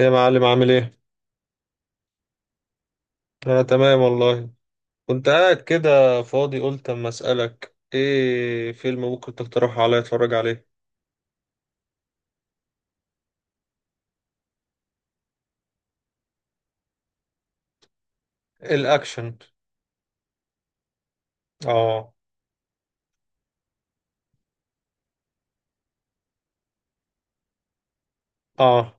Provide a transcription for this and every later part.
إيه يا معلم عامل ايه؟ انا تمام والله. كنت قاعد كده فاضي، قلت اما اسألك، ايه فيلم ممكن تقترحه عليا اتفرج عليه؟ الاكشن. اه. اه.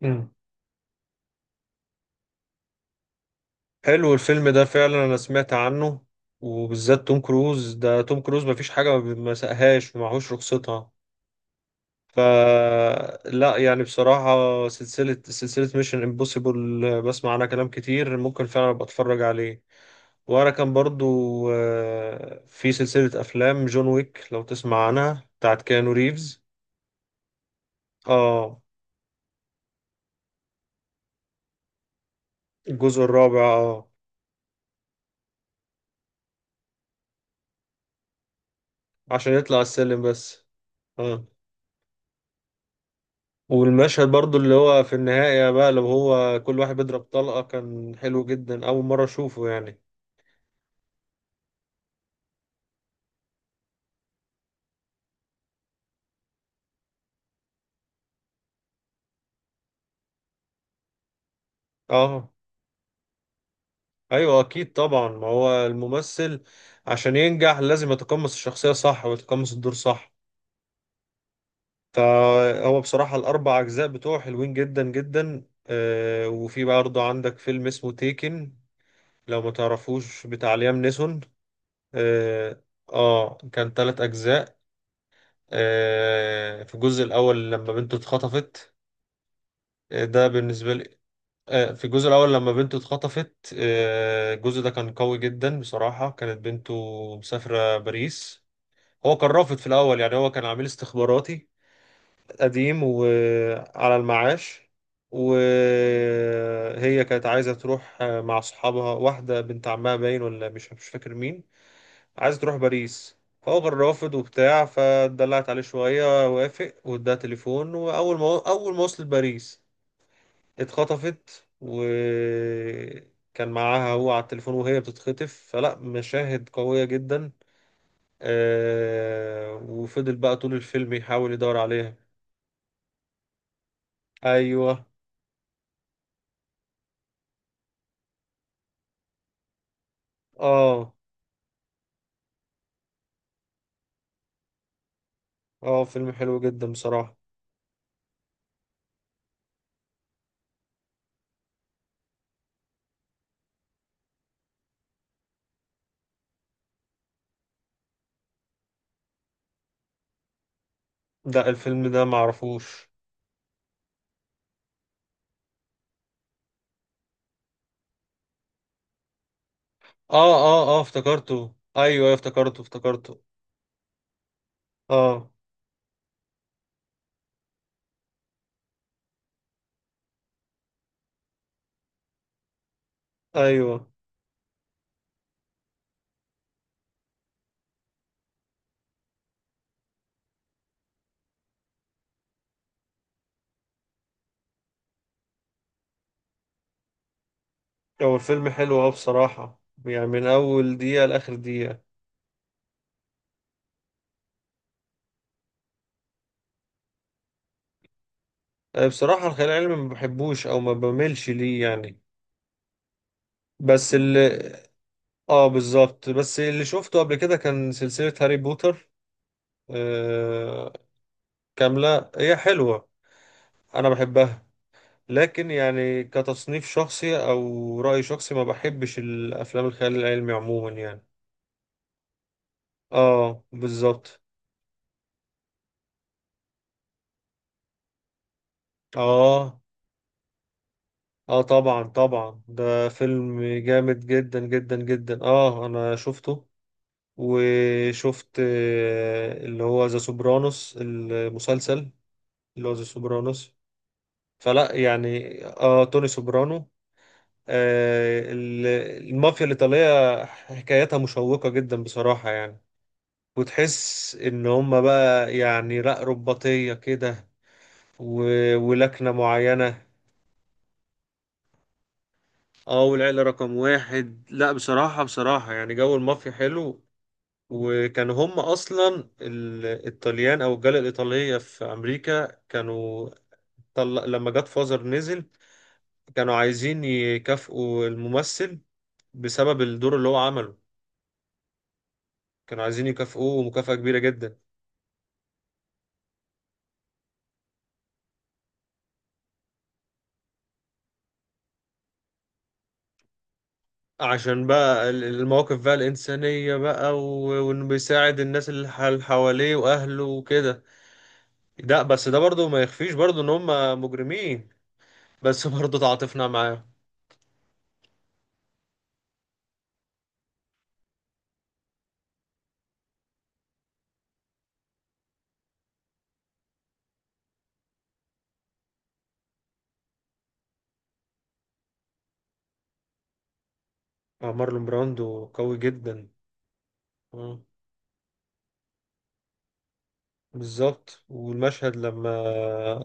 مم. حلو الفيلم ده فعلا، انا سمعت عنه وبالذات توم كروز، ده توم كروز مفيش حاجة ما سقهاش ومعهوش رخصتها. ف لا يعني بصراحة سلسلة ميشن امبوسيبل بسمع عنها كلام كتير، ممكن فعلا ابقى اتفرج عليه. ورا كان برضو في سلسلة أفلام جون ويك، لو تسمع عنها، بتاعت كيانو ريفز. اه الجزء الرابع. اه عشان يطلع على السلم بس. اه والمشهد برضو اللي هو في النهاية بقى، لو هو كل واحد بيضرب طلقة، كان حلو جدا، أول مرة أشوفه يعني. اه أيوة أكيد طبعا، ما هو الممثل عشان ينجح لازم يتقمص الشخصية صح ويتقمص الدور صح. فهو بصراحة الأربع أجزاء بتوعه حلوين جدا جدا. وفي برضه عندك فيلم اسمه تيكن، لو ما تعرفوش، بتاع ليام نيسون. آه, آه كان تلات أجزاء. آه في الجزء الأول لما بنته اتخطفت. ده بالنسبة لي. آه في الجزء الأول لما بنته اتخطفت، آه الجزء ده كان قوي جدا بصراحة. كانت بنته مسافرة باريس، هو كان رافض في الأول، يعني هو كان عميل استخباراتي قديم وعلى المعاش، وهي كانت عايزة تروح مع صحابها، واحدة بنت عمها باين ولا مش فاكر مين، عايزة تروح باريس، فهو كان رافض وبتاع، فدلعت عليه شوية وافق واداها تليفون، وأول ما وصلت باريس اتخطفت، وكان معاها هو على التليفون وهي بتتخطف، فلا مشاهد قوية جدا. وفضل بقى طول الفيلم يحاول يدور عليها. أيوه. اه. اه فيلم حلو جدا بصراحة. ده الفيلم ده معرفوش. اه اه اه افتكرته. ايوه افتكرته افتكرته. اه. ايوه. هو الفيلم حلو اه بصراحة، يعني من اول دقيقة لاخر دقيقة. بصراحة الخيال العلمي ما بحبوش او ما بميلش ليه يعني. بس اللي اه بالظبط، بس اللي شفته قبل كده كان سلسلة هاري بوتر. آه كاملة، هي حلوة، انا بحبها، لكن يعني كتصنيف شخصي او رأي شخصي ما بحبش الافلام الخيال العلمي عموما يعني. اه بالظبط. اه اه طبعا طبعا، ده فيلم جامد جدا جدا جدا، اه انا شفته. وشفت اللي هو ذا سوبرانوس المسلسل، اللي هو ذا سوبرانوس. فلا يعني اه توني سوبرانو. آه ال- المافيا الإيطالية حكايتها مشوقة جدا بصراحة يعني، وتحس ان هما بقى يعني لا رباطية كده ولكنة معينة. اه والعيلة رقم واحد. لا بصراحة بصراحة يعني جو المافيا حلو، وكانوا هم اصلا الطليان او الجالية الايطالية في امريكا، كانوا لما جاد فازر نزل كانوا عايزين يكافئوا الممثل بسبب الدور اللي هو عمله، كانوا عايزين يكافئوه مكافأة كبيرة جدا، عشان بقى المواقف بقى الإنسانية بقى وإنه بيساعد الناس اللي اللي حواليه وأهله وكده. ده بس ده برضه ما يخفيش برضه إن هم مجرمين، بس برضه تعاطفنا معاه. مع مارلون براندو قوي جدا. آه، بالظبط. والمشهد لما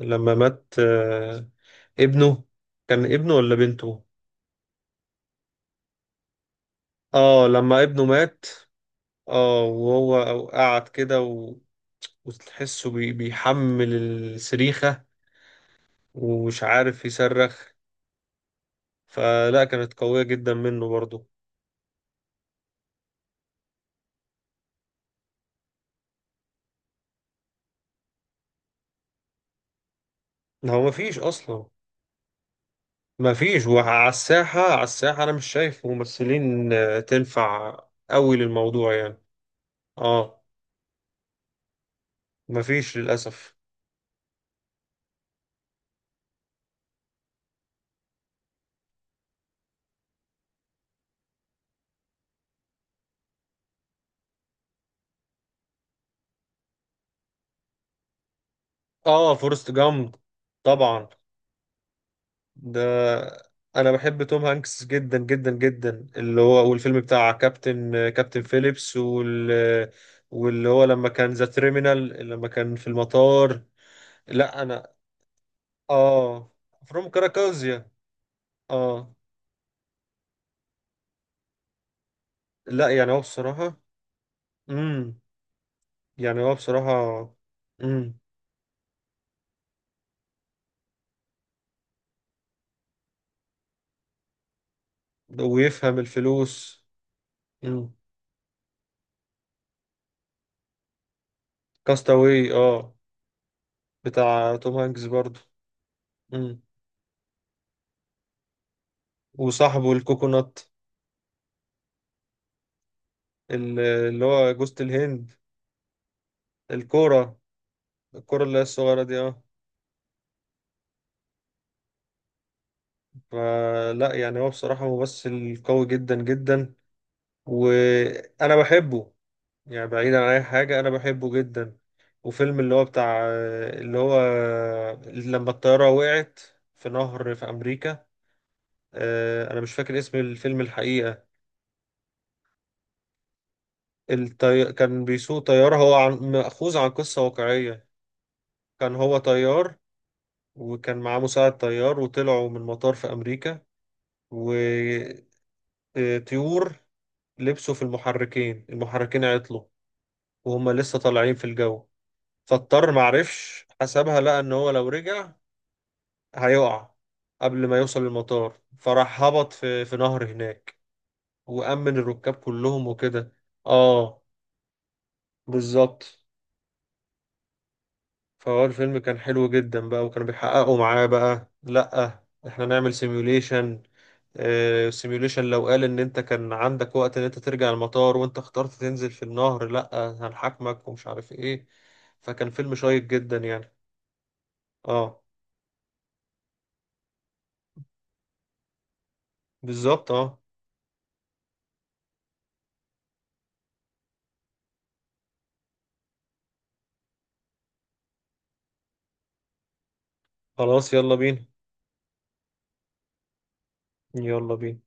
لما مات ابنه، كان ابنه ولا بنته. اه لما ابنه مات، اه وهو قعد كده وتحسه بيحمل السريخة ومش عارف يصرخ، فلا كانت قوية جدا منه برضه. هو مفيش أصلا، مفيش. وعلى الساحة، على الساحة أنا مش شايف ممثلين تنفع أوي للموضوع يعني. اه مفيش للأسف. اه فورست جامب، طبعا. ده أنا بحب توم هانكس جدا جدا جدا، اللي هو والفيلم بتاع كابتن كابتن فيليبس واللي هو لما كان ذا تريمينال، لما كان في المطار. لا انا اه فروم كاراكازيا. اه لا يعني هو بصراحة امم يعني هو بصراحة امم ويفهم الفلوس امم كاستاوي اه، بتاع توم هانكس برضو. امم وصاحبه الكوكونات، اللي هو جوزة الهند، الكورة، الكورة اللي هي الصغيرة دي اه. فلا يعني هو بصراحة ممثل قوي جدا جدا، وأنا بحبه، يعني بعيد عن أي حاجة أنا بحبه جدا. وفيلم اللي هو بتاع، اللي هو لما الطيارة وقعت في نهر في أمريكا، أنا مش فاكر اسم الفيلم الحقيقة. كان بيسوق طيارة، هو مأخوذ عن قصة واقعية، كان هو طيار وكان معاه مساعد طيار، وطلعوا من مطار في أمريكا، وطيور لبسوا في المحركين، المحركين عطلوا وهم لسه طالعين في الجو، فاضطر معرفش حسبها، لقى ان هو لو رجع هيقع قبل ما يوصل المطار، فراح هبط في نهر هناك وأمن الركاب كلهم وكده. اه بالظبط. فهو الفيلم كان حلو جدا بقى، وكانوا بيحققوا معاه بقى، لأ احنا نعمل سيميوليشن، سيميوليشن. لو قال ان انت كان عندك وقت ان انت ترجع المطار وانت اخترت تنزل في النهر، لأ هنحاكمك ومش عارف ايه. فكان فيلم شيق جدا يعني. اه بالظبط. اه خلاص يلا بينا. يلا بينا.